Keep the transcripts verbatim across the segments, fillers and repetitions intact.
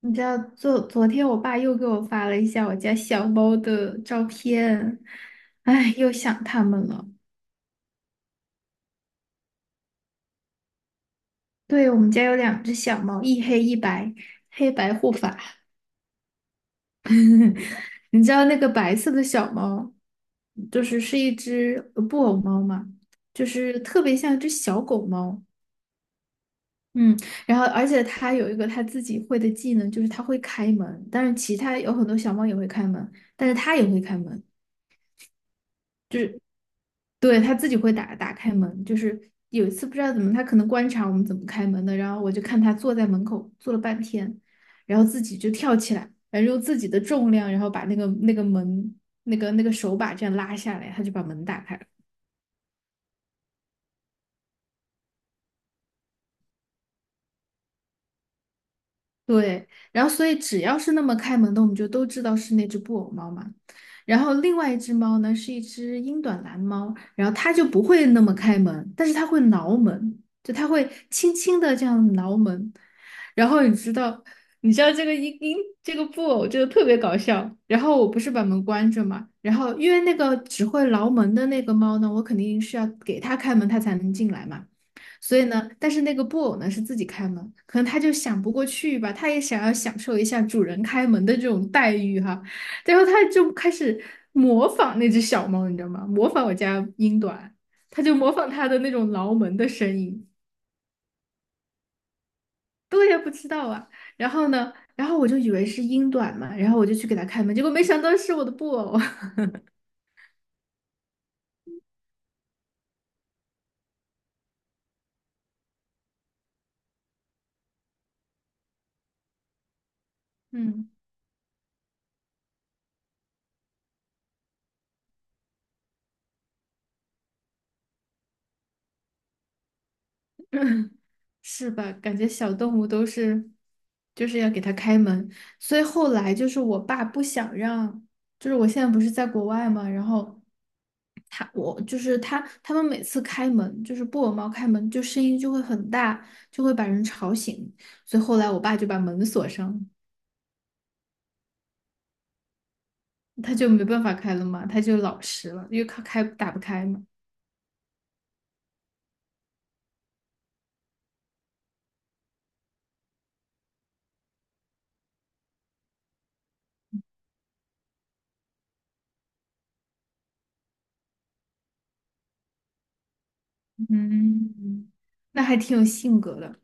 你知道，昨昨天我爸又给我发了一下我家小猫的照片，哎，又想它们了。对，我们家有两只小猫，一黑一白，黑白护法。你知道那个白色的小猫，就是是一只呃布偶猫嘛，就是特别像一只小狗猫。嗯，然后而且它有一个它自己会的技能，就是它会开门。但是其他有很多小猫也会开门，但是它也会开门。对，他自己会打打开门。就是有一次不知道怎么，他可能观察我们怎么开门的，然后我就看他坐在门口坐了半天，然后自己就跳起来，然后用自己的重量，然后把那个那个门那个那个手把这样拉下来，他就把门打开了。对，然后所以只要是那么开门的，我们就都知道是那只布偶猫嘛。然后另外一只猫呢，是一只英短蓝猫，然后它就不会那么开门，但是它会挠门，就它会轻轻的这样挠门。然后你知道，你知道这个英英这个布偶就特别搞笑。然后我不是把门关着嘛，然后因为那个只会挠门的那个猫呢，我肯定是要给它开门，它才能进来嘛。所以呢，但是那个布偶呢是自己开门，可能它就想不过去吧，它也想要享受一下主人开门的这种待遇哈，然后它就开始模仿那只小猫，你知道吗？模仿我家英短，它就模仿它的那种挠门的声音。对呀，不知道啊。然后呢，然后我就以为是英短嘛，然后我就去给它开门，结果没想到是我的布偶。嗯。是吧？感觉小动物都是，就是要给它开门。所以后来就是我爸不想让，就是我现在不是在国外嘛，然后他我就是他他们每次开门，就是布偶猫开门，就声音就会很大，就会把人吵醒。所以后来我爸就把门锁上了，他就没办法开了嘛，他就老实了，因为他开打不开嘛。嗯，那还挺有性格的。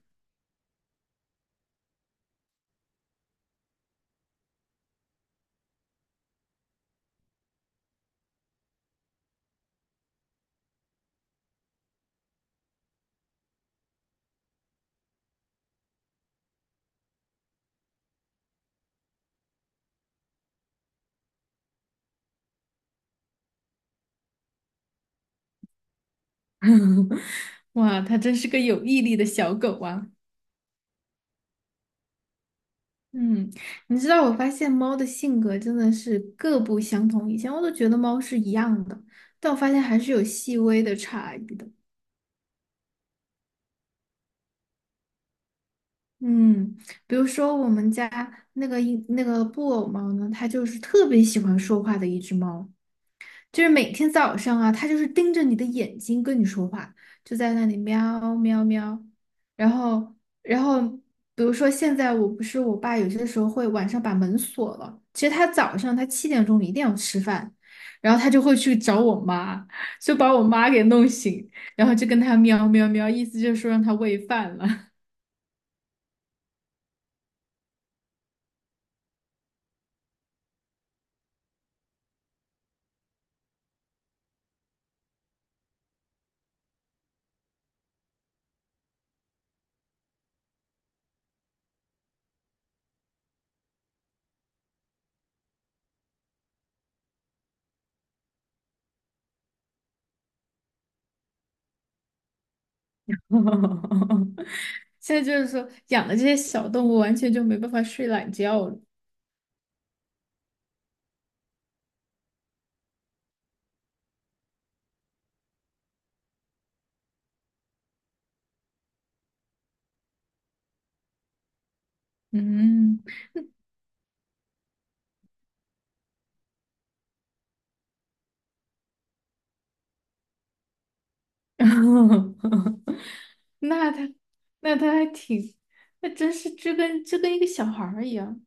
哇，它真是个有毅力的小狗啊。嗯，你知道我发现猫的性格真的是各不相同。以前我都觉得猫是一样的，但我发现还是有细微的差异的。嗯，比如说我们家那个英那个布偶猫呢，它就是特别喜欢说话的一只猫，就是每天早上啊，它就是盯着你的眼睛跟你说话，就在那里喵喵喵。然后，然后，比如说现在我不是我爸有些时候会晚上把门锁了，其实他早上他七点钟一定要吃饭，然后他就会去找我妈，就把我妈给弄醒，然后就跟他喵喵喵，意思就是说让他喂饭了。现在就是说养的这些小动物完全就没办法睡懒觉了。嗯。那它，那它还挺，那真是就跟就跟一个小孩儿一样。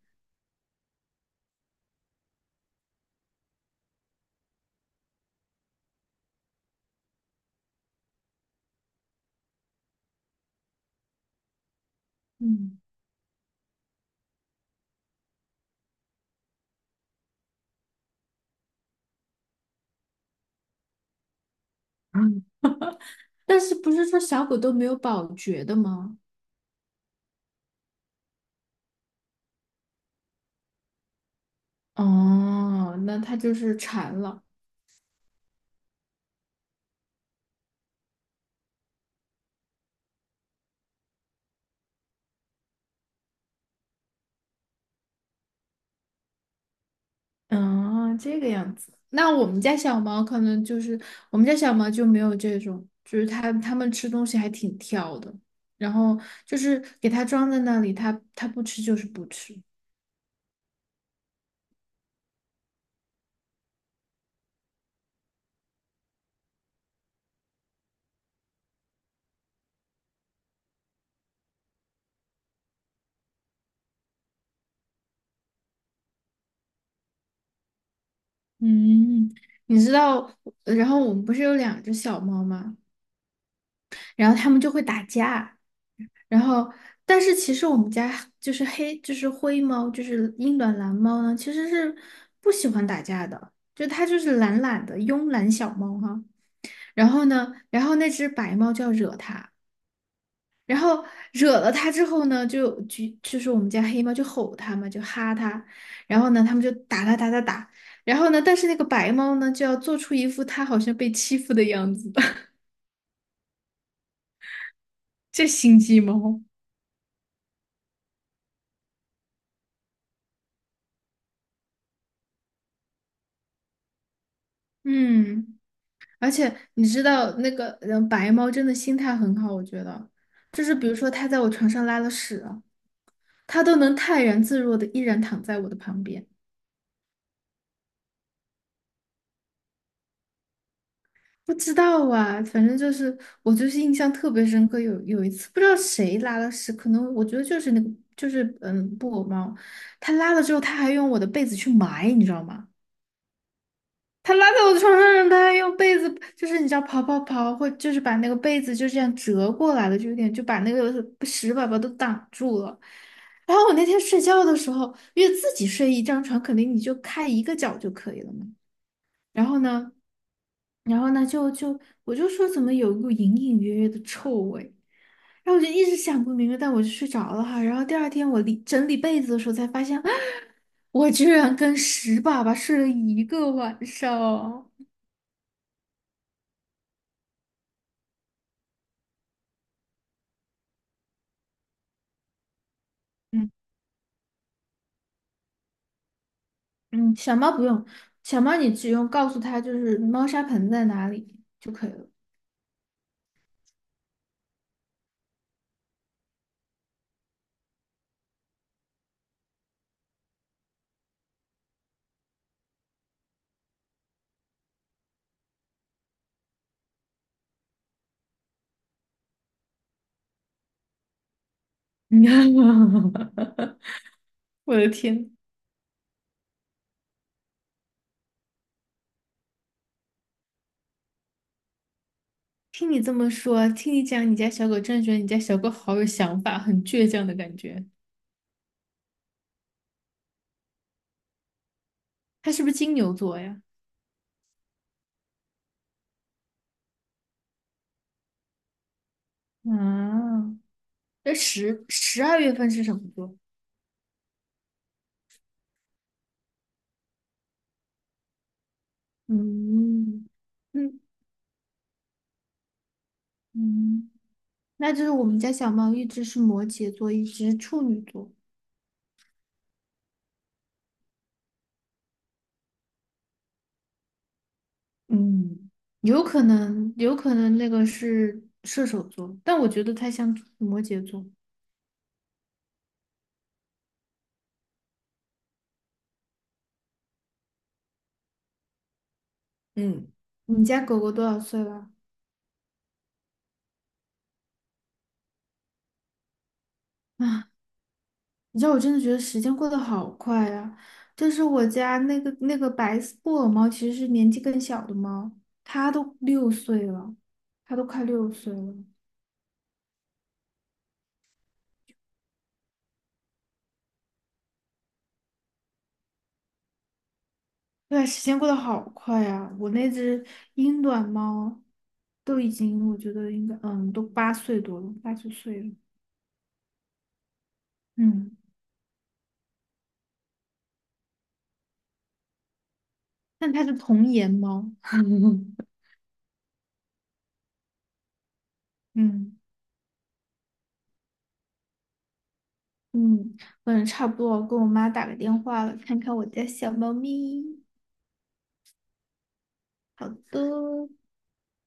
嗯。嗯，但是不是说小狗都没有保觉的吗？哦，那它就是馋了。嗯，这个样子。那我们家小猫可能就是我们家小猫就没有这种，就是它它们吃东西还挺挑的，然后就是给它装在那里，它它不吃就是不吃。嗯，你知道，然后我们不是有两只小猫吗？然后他们就会打架，然后但是其实我们家就是黑就是灰猫，就是英短蓝猫呢，其实是不喜欢打架的，就它就是懒懒的慵懒小猫哈。然后呢，然后那只白猫就要惹它，然后惹了它之后呢，就就就是我们家黑猫就吼它嘛，就哈它，然后呢，他们就打它打打打。然后呢，但是那个白猫呢，就要做出一副它好像被欺负的样子。这心机猫。嗯。而且你知道那个嗯，白猫真的心态很好，我觉得，就是比如说它在我床上拉了屎啊它都能泰然自若的依然躺在我的旁边。不知道啊，反正就是我就是印象特别深刻，有有一次不知道谁拉了屎，可能我觉得就是那个就是嗯布偶猫，它拉了之后，它还用我的被子去埋，你知道吗？他拉在我的床上，让他还用被子，就是你知道刨刨刨，或就是把那个被子就这样折过来了，就有点就把那个屎粑粑都挡住了。然后我那天睡觉的时候，因为自己睡一张床，肯定你就开一个角就可以了嘛。然后呢，然后呢，就就我就说怎么有一股隐隐约约的臭味，然后我就一直想不明白，但我就睡着了哈。然后第二天我理整理被子的时候才发现，我居然跟屎粑粑睡了一个晚上哦。嗯。嗯，小猫不用，小猫你只用告诉它就是猫砂盆在哪里就可以了。我的天，听你这么说，听你讲你家小狗，真的觉得你家小狗好有想法，很倔强的感觉。它是不是金牛座呀？啊，那十十二月份是什么座？嗯嗯嗯，那就是我们家小猫一只是摩羯座，一只是处女座。嗯，有可能，有可能那个是射手座，但我觉得它像摩羯座。嗯，你家狗狗多少岁了？啊，你知道我真的觉得时间过得好快啊！就是我家那个那个白色布偶猫，其实是年纪更小的猫，它都六岁了，它都快六岁了。对啊，时间过得好快啊！我那只英短猫都已经，我觉得应该，嗯，都八岁多了，八九岁了。嗯。但它是童颜猫。嗯嗯，我也差不多，我跟我妈打个电话了，看看我家小猫咪。好的。